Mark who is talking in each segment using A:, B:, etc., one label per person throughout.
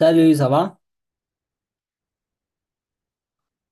A: Salut, ça va?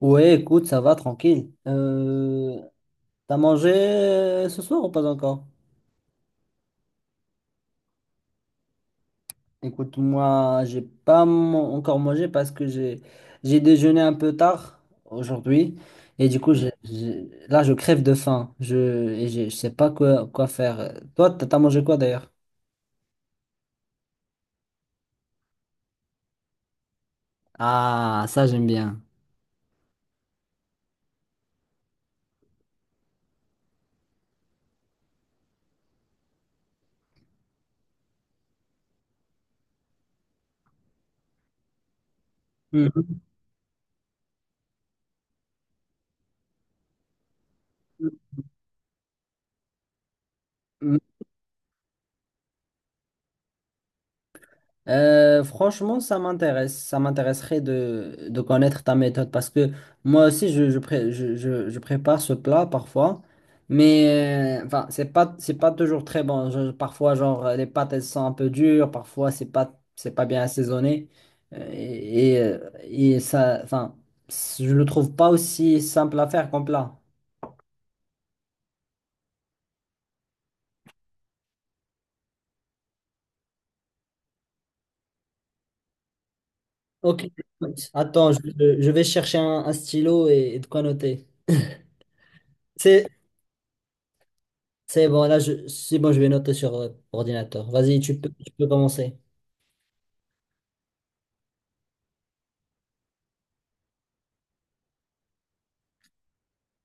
A: Ouais, écoute, ça va, tranquille. T'as mangé ce soir ou pas encore? Écoute, moi, j'ai pas mon- encore mangé parce que j'ai déjeuné un peu tard aujourd'hui. Et du coup, là, je crève de faim. Je sais pas quoi faire. Toi, t'as mangé quoi d'ailleurs? Ah, ça, j'aime bien. Mhm. Franchement, ça m'intéresse. Ça m'intéresserait de connaître ta méthode parce que moi aussi, je prépare ce plat parfois, mais enfin, c'est pas toujours très bon. Je- parfois, genre, les pâtes, elles sont un peu dures, parfois, c'est pas bien assaisonné. Et ça, enfin, je le trouve pas aussi simple à faire comme plat. Ok, attends, je vais chercher un stylo et de quoi noter. C'est C'est bon, là, c'est bon, je vais noter sur ordinateur. Vas-y, tu peux commencer.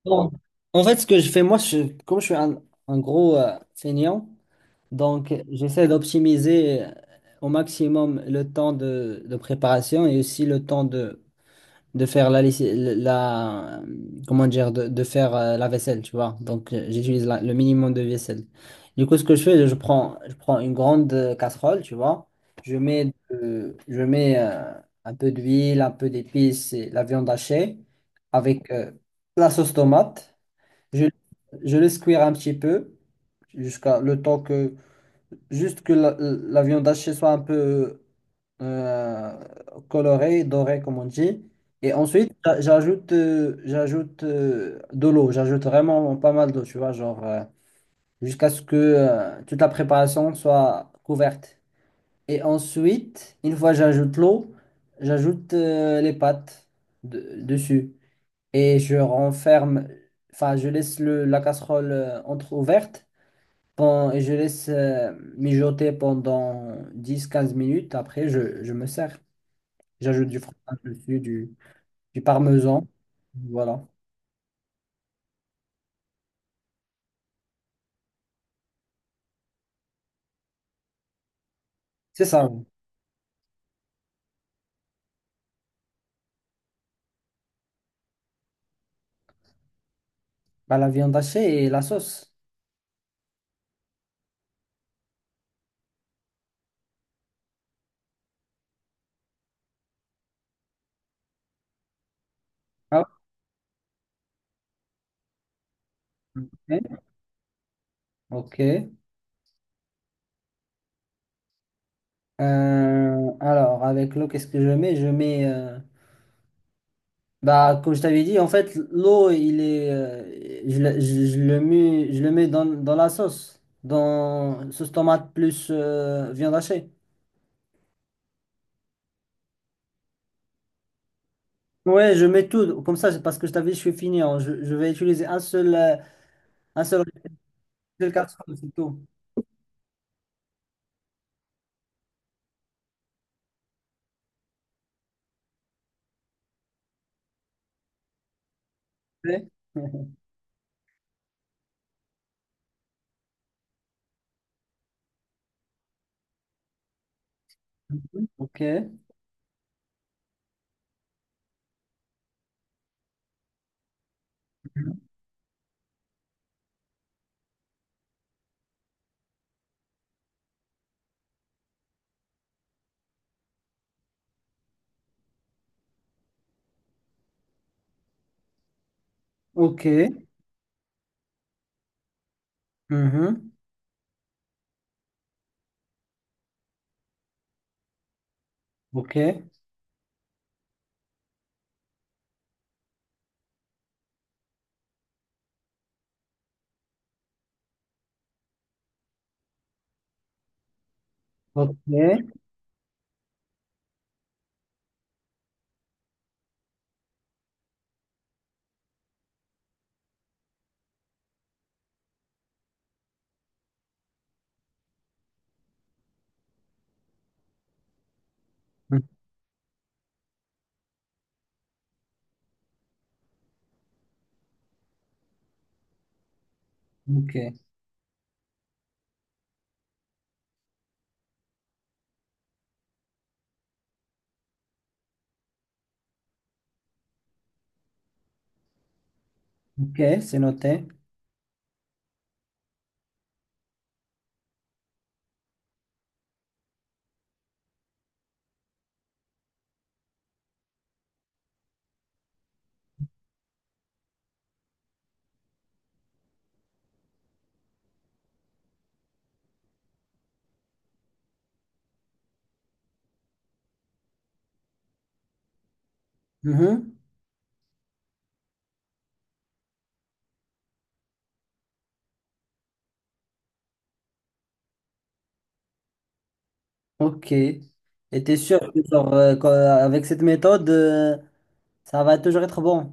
A: Bon. En fait, ce que je fais, moi, comme je suis un gros feignant, donc j'essaie d'optimiser au maximum le temps de préparation et aussi le temps de faire la, laiss- la comment dire de faire la vaisselle tu vois donc j'utilise le minimum de vaisselle du coup ce que je fais je prends une grande casserole tu vois je mets un peu d'huile un peu d'épices et la viande hachée avec la sauce tomate je, je le cuire un petit peu jusqu'à le temps que juste que la viande hachée soit un peu euh, colorée, dorée, comme on dit. Et ensuite, j'ajoute de l'eau. J'ajoute vraiment pas mal d'eau, tu vois, genre jusqu'à ce que toute la préparation soit couverte. Et ensuite, une fois j'ajoute l'eau, j'ajoute les pâtes dessus. Et je renferme, enfin, je laisse la casserole entre-ouverte. Bon, et je laisse mijoter pendant 10 15 minutes. Après, je me sers. J'ajoute du fromage dessus, du parmesan. Voilà. C'est ça. Ouais. Bah, la viande hachée et la sauce. Ah, ouais, ok. Ok. Alors, avec l'eau, qu'est-ce que je mets? Je mets, bah, comme je t'avais dit, en fait, l'eau, il est, je le mets dans la sauce, dans sauce tomate plus viande hachée. Ouais, je mets tout. Comme ça, c'est parce que je t'avais dit, je suis fini, hein. Je vais utiliser un seul, un seul, seul carton, c'est tout. Ok. Mhm. Ok. Ok. Mhm. Ok. Ok. Mhm. Ok. Ok. C'est noté. Mhm. Ok. Et t'es sûr que genre, avec cette méthode, ça va toujours être bon.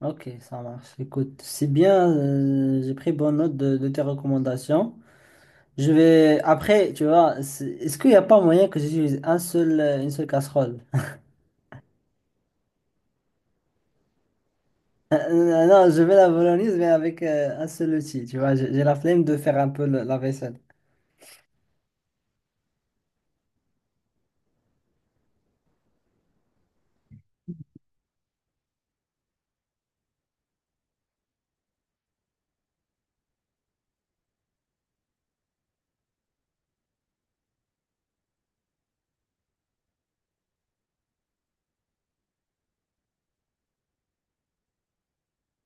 A: Ok, ça marche. Écoute, c'est bien. J'ai pris bonne note de tes recommandations. Je vais après, tu vois, c'est- est-ce qu'il n'y a pas moyen que j'utilise un seul, une seule casserole? Non, je vais la bolognaise, mais avec un seul outil, tu vois, j'ai la flemme de faire un peu la vaisselle.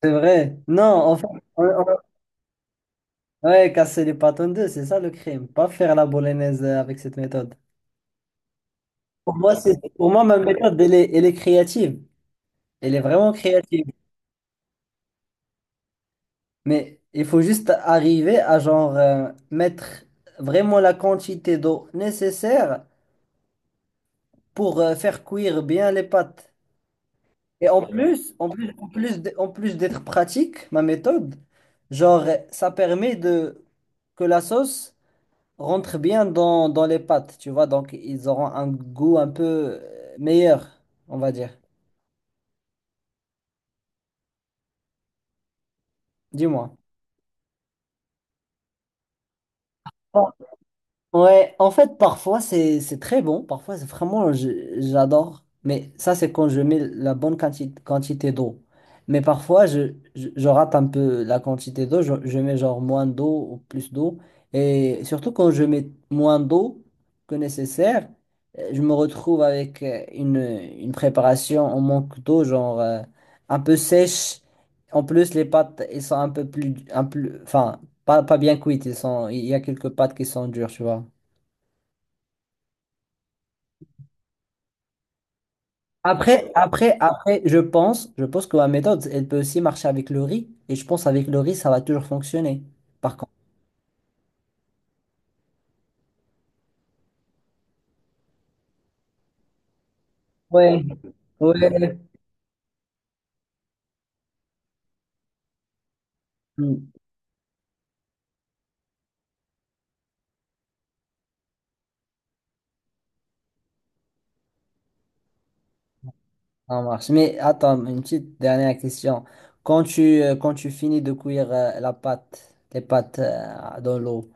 A: C'est vrai. Non, enfin, on- ouais, casser les pâtes en deux, c'est ça le crime, pas faire la bolognaise avec cette méthode. Pour moi, pour moi, ma méthode, elle est créative, elle est vraiment créative, mais il faut juste arriver à genre mettre vraiment la quantité d'eau nécessaire pour faire cuire bien les pâtes. Et en ouais, plus, en plus d'être pratique, ma méthode, genre, ça permet de que la sauce rentre bien dans les pâtes, tu vois, donc ils auront un goût un peu meilleur, on va dire. Dis-moi. Ouais, en fait, parfois c'est très bon, parfois c'est vraiment j'adore, mais ça c'est quand je mets la bonne quantité d'eau. Mais parfois je rate un peu la quantité d'eau, je mets genre moins d'eau ou plus d'eau. Et surtout quand je mets moins d'eau que nécessaire, je me retrouve avec une préparation en manque d'eau, genre un peu sèche. En plus, les pâtes, elles sont un peu plus, un plus, enfin, pas bien cuites, ils sont, il y a quelques pâtes qui sont dures, tu vois. Après, je pense que ma méthode, elle peut aussi marcher avec le riz. Et je pense avec le riz, ça va toujours fonctionner. Par contre. Ouais, ouais. Hmm. Ça marche. Mais attends, une petite dernière question. Quand tu finis de cuire les pâtes dans l'eau,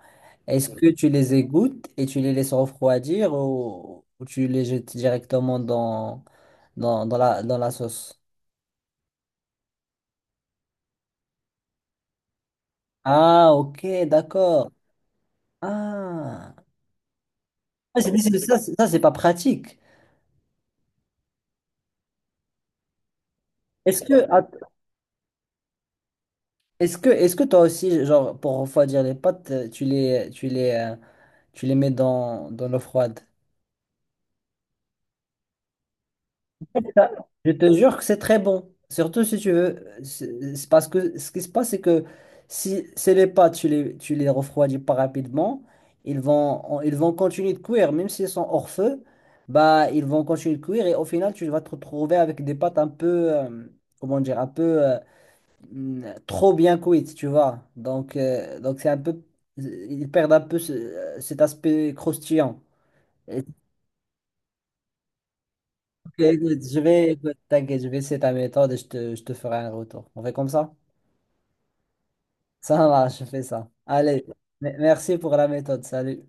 A: est-ce que tu les égouttes et tu les laisses refroidir ou tu les jettes directement dans la sauce? Ah, ok, d'accord. Ah, Ah, c'est- mais ça c'est pas pratique. Est-ce que, att- est-ce que toi aussi, genre, pour refroidir les pâtes, tu les mets dans l'eau froide? Ça, je te jure que c'est très bon. Surtout si tu veux. C'est parce que ce qui se passe, c'est que si c'est les pâtes, tu les refroidis pas rapidement, ils vont continuer de cuire. Même s'ils sont hors feu, bah, ils vont continuer de cuire. Et au final, tu vas te retrouver avec des pâtes un peu, comment dire, trop bien cuites, tu vois. Donc c'est un peu. Ils perdent un peu cet aspect croustillant. Ok, écoute, écoute, t'inquiète, je vais essayer ta méthode et je te ferai un retour. On fait comme ça? Ça marche, je fais ça. Allez, merci pour la méthode. Salut.